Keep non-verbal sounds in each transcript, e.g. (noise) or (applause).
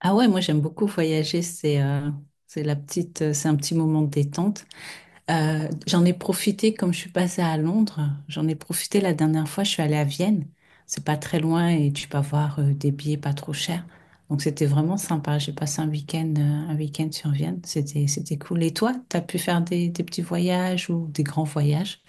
Ah ouais, moi j'aime beaucoup voyager, c'est la petite, c'est un petit moment de détente. J'en ai profité comme je suis passée à Londres, j'en ai profité la dernière fois, je suis allée à Vienne. C'est pas très loin et tu peux avoir des billets pas trop chers. Donc c'était vraiment sympa. J'ai passé un week-end sur Vienne, c'était cool. Et toi, t'as pu faire des petits voyages ou des grands voyages?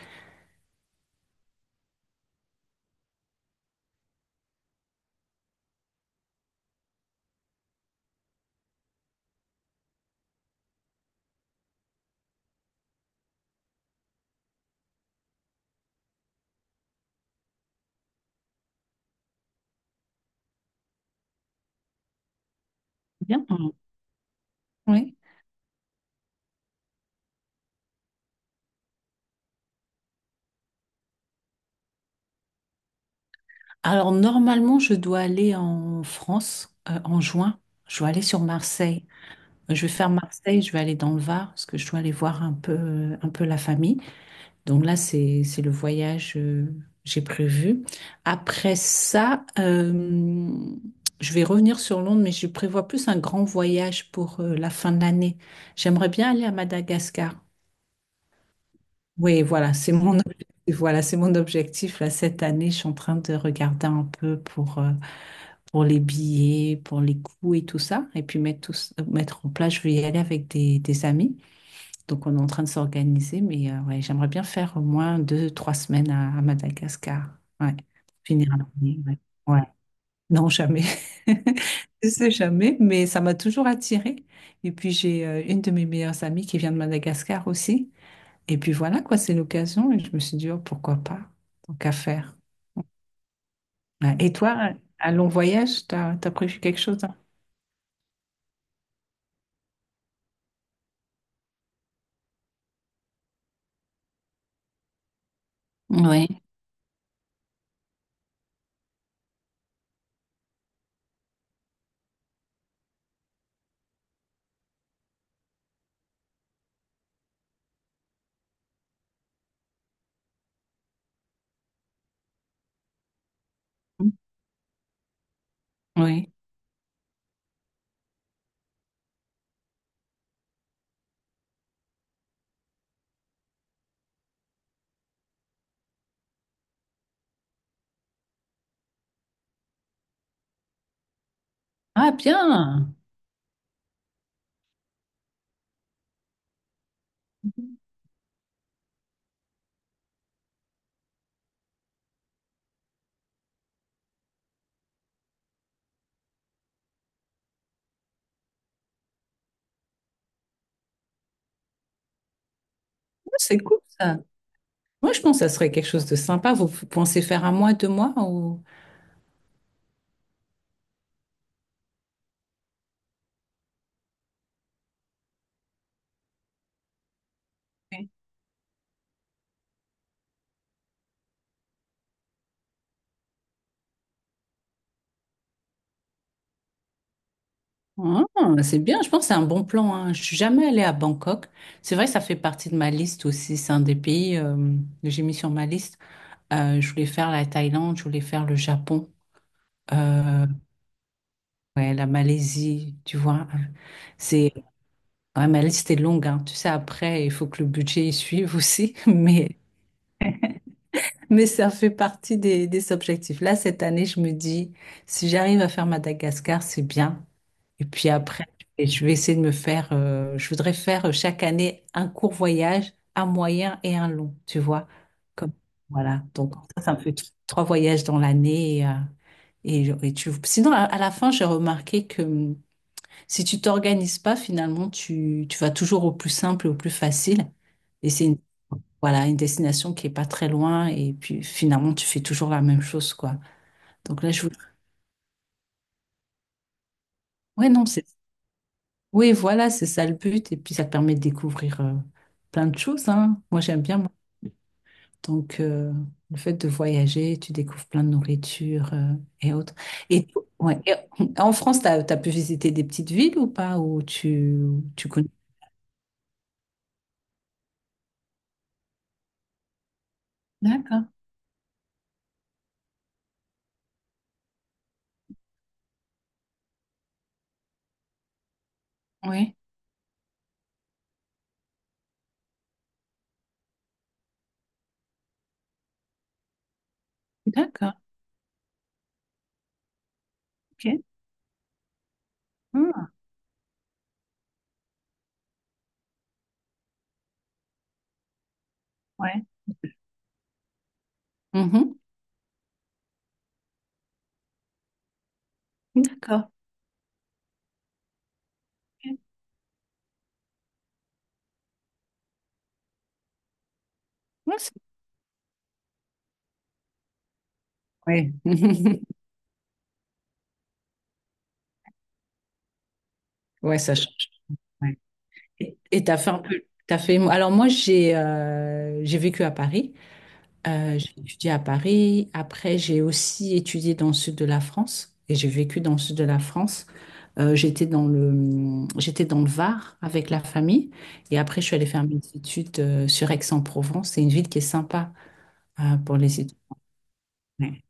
Bien. Oui. Alors normalement, je dois aller en France en juin. Je dois aller sur Marseille. Je vais faire Marseille, je vais aller dans le Var parce que je dois aller voir un peu la famille. Donc là, c'est le voyage j'ai prévu. Après ça, je vais revenir sur Londres, mais je prévois plus un grand voyage pour la fin de l'année. J'aimerais bien aller à Madagascar. Oui, voilà, c'est mon objectif. Voilà, c'est mon objectif là cette année. Je suis en train de regarder un peu pour les billets, pour les coûts et tout ça, et puis mettre tout, mettre en place. Je vais y aller avec des amis. Donc, on est en train de s'organiser, mais ouais, j'aimerais bien faire au moins deux, trois semaines à Madagascar. Ouais, finir un année, ouais. Ouais. Non, jamais. (laughs) Je sais jamais, mais ça m'a toujours attirée. Et puis, j'ai une de mes meilleures amies qui vient de Madagascar aussi. Et puis voilà, quoi, c'est l'occasion. Et je me suis dit, oh, pourquoi pas? Tant qu'à faire. Ouais. Et toi, un long voyage, t'as prévu quelque chose? Hein Oui. Oui. Ah, bien! C'est cool, ça. Moi, je pense que ça serait quelque chose de sympa. Vous pensez faire un mois, deux mois ou... Ouais. Ah, c'est bien, je pense que c'est un bon plan, hein. Je suis jamais allée à Bangkok. C'est vrai, ça fait partie de ma liste aussi. C'est un des pays que j'ai mis sur ma liste. Je voulais faire la Thaïlande, je voulais faire le Japon, euh, ouais, la Malaisie, tu vois. C'est, ouais, ma liste est longue, hein. Tu sais, après, il faut que le budget y suive aussi, (laughs) mais ça fait partie des objectifs. Là, cette année, je me dis, si j'arrive à faire Madagascar, c'est bien. Et puis après, et je vais essayer de me faire, je voudrais faire chaque année un court voyage, un moyen et un long, tu vois. Comme, voilà. Donc, ça me fait trois voyages dans l'année. Et et tu... Sinon, à la fin, j'ai remarqué que si tu t'organises pas, finalement, tu vas toujours au plus simple et au plus facile. Et c'est une, voilà, une destination qui est pas très loin. Et puis, finalement, tu fais toujours la même chose, quoi. Donc là, je voudrais. Ouais, non, c'est Oui, voilà, c'est ça le but. Et puis, ça te permet de découvrir plein de choses, hein. Moi, j'aime bien, moi. Donc, le fait de voyager, tu découvres plein de nourriture et autres. Et, ouais, et en France, tu as, pu visiter des petites villes ou pas, où tu connais? D'accord, oui. D'accord, ok. Hmm, ouais. Mhm. D'accord. Ok. Ouais, ouais. (laughs) Ouais, ça change. Ouais. Et t'as fait un peu, t'as fait. Alors moi, j'ai vécu à Paris. J'ai étudié à Paris. Après, j'ai aussi étudié dans le sud de la France et j'ai vécu dans le sud de la France. J'étais dans j'étais dans le Var avec la famille et après, je suis allée faire mes études sur Aix-en-Provence. C'est une ville qui est sympa pour les études. Ouais.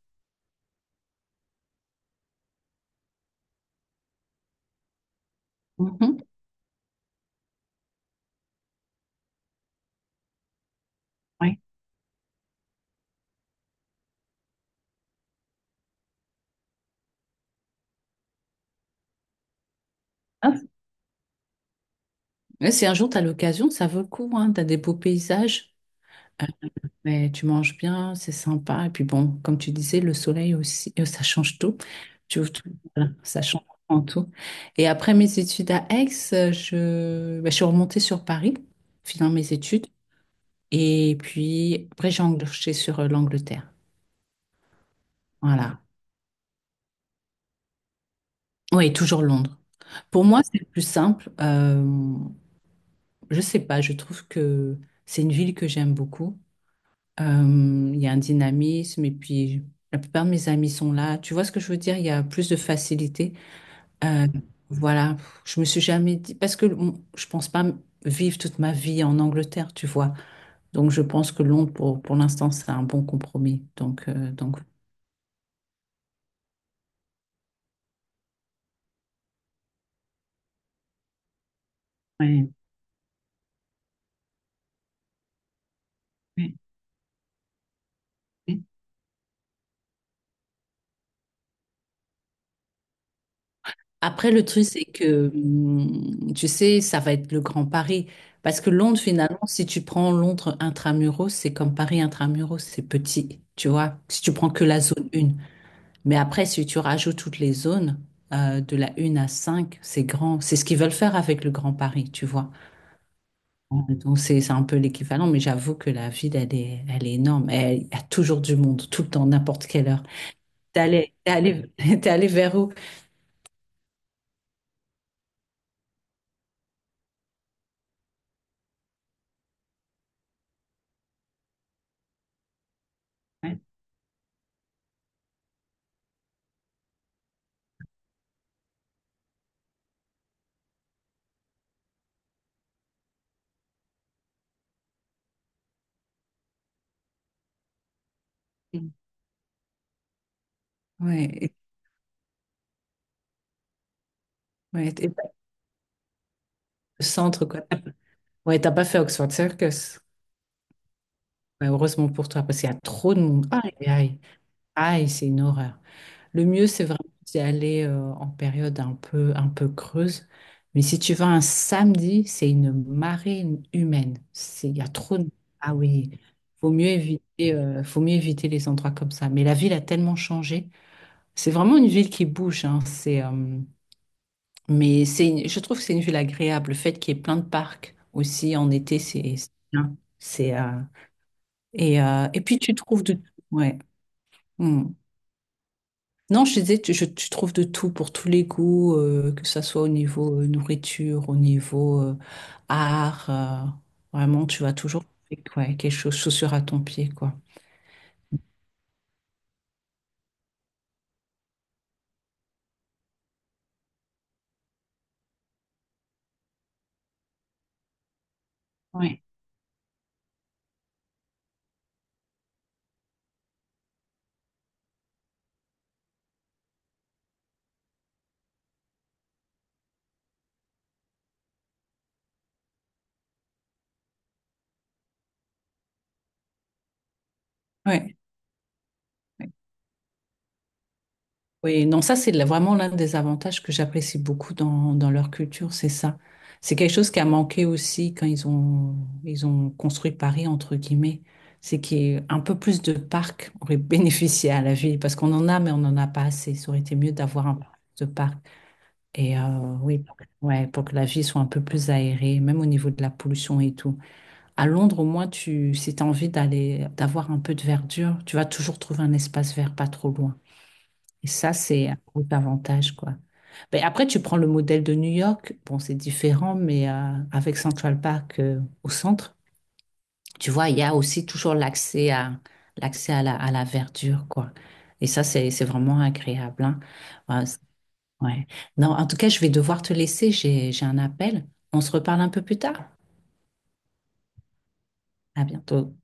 Mhm. Ouais. Ah, ouais, si un jour tu as l'occasion, ça vaut le coup, hein. Tu as des beaux paysages. Mais tu manges bien, c'est sympa. Et puis bon, comme tu disais, le soleil aussi, ça change tout. Tu ouvres tout, voilà, ça change en tout. Et après mes études à Aix, je, ben, je suis remontée sur Paris, finant mes études. Et puis après, j'ai enclenché sur l'Angleterre. Voilà. Oui, toujours Londres. Pour moi, c'est plus simple. Je sais pas, je trouve que c'est une ville que j'aime beaucoup. Il y a un dynamisme et puis la plupart de mes amis sont là. Tu vois ce que je veux dire? Il y a plus de facilité. Euh, voilà, je me suis jamais dit parce que je pense pas vivre toute ma vie en Angleterre, tu vois. Donc je pense que Londres pour l'instant c'est un bon compromis. Donc Ouais, ouais, ouais. Après, le truc, c'est que, tu sais, ça va être le grand Paris. Parce que Londres, finalement, si tu prends Londres intramuros, c'est comme Paris intramuros, c'est petit, tu vois. Si tu prends que la zone 1. Mais après, si tu rajoutes toutes les zones, de la 1 à 5, c'est grand. C'est ce qu'ils veulent faire avec le Grand Paris, tu vois. Donc, c'est un peu l'équivalent, mais j'avoue que la ville, elle est énorme. Elle, il y a toujours du monde, tout le temps, n'importe quelle heure. (laughs) T'es allé vers où? Ouais. Ouais, ouais, et pas le centre, quoi. Ouais, t'as pas fait Oxford Circus. Ouais, heureusement pour toi, parce qu'il y a trop de monde. Aïe, aïe, aïe, c'est une horreur. Le mieux, c'est vraiment d'y aller en période un peu creuse. Mais si tu vas un samedi, c'est une marée humaine. C'est, il y a trop de... Ah oui, faut mieux éviter les endroits comme ça. Mais la ville a tellement changé. C'est vraiment une ville qui bouge, hein. C'est, mais c'est, je trouve que c'est une ville agréable. Le fait qu'il y ait plein de parcs aussi en été, c'est bien. C'est, et puis tu trouves de... Ouais. Mmh. Non, je disais, tu trouves de tout pour tous les goûts, que ça soit au niveau nourriture, au niveau art. Vraiment, tu vas toujours trouver, ouais, quelque chose, chaussure à ton pied, quoi. Oui, oui. Oui, non, ça, c'est vraiment l'un des avantages que j'apprécie beaucoup dans leur culture, c'est ça. C'est quelque chose qui a manqué aussi quand ils ont construit Paris, entre guillemets. C'est qu'il y ait un peu plus de parcs aurait (laughs) bénéficié à la ville, parce qu'on en a, mais on n'en a pas assez. Ça aurait été mieux d'avoir un peu plus de parcs. Et oui, ouais, pour que la vie soit un peu plus aérée, même au niveau de la pollution et tout. À Londres, au moins, si tu as envie d'aller, d'avoir un peu de verdure, tu vas toujours trouver un espace vert pas trop loin. Et ça, c'est un gros avantage, quoi. Mais après, tu prends le modèle de New York. Bon, c'est différent, mais avec Central Park au centre, tu vois, il y a aussi toujours l'accès à, l'accès à à la verdure, quoi. Et ça, c'est vraiment agréable, hein. Ouais, Ouais. Non, en tout cas, je vais devoir te laisser. J'ai un appel. On se reparle un peu plus tard. À bientôt.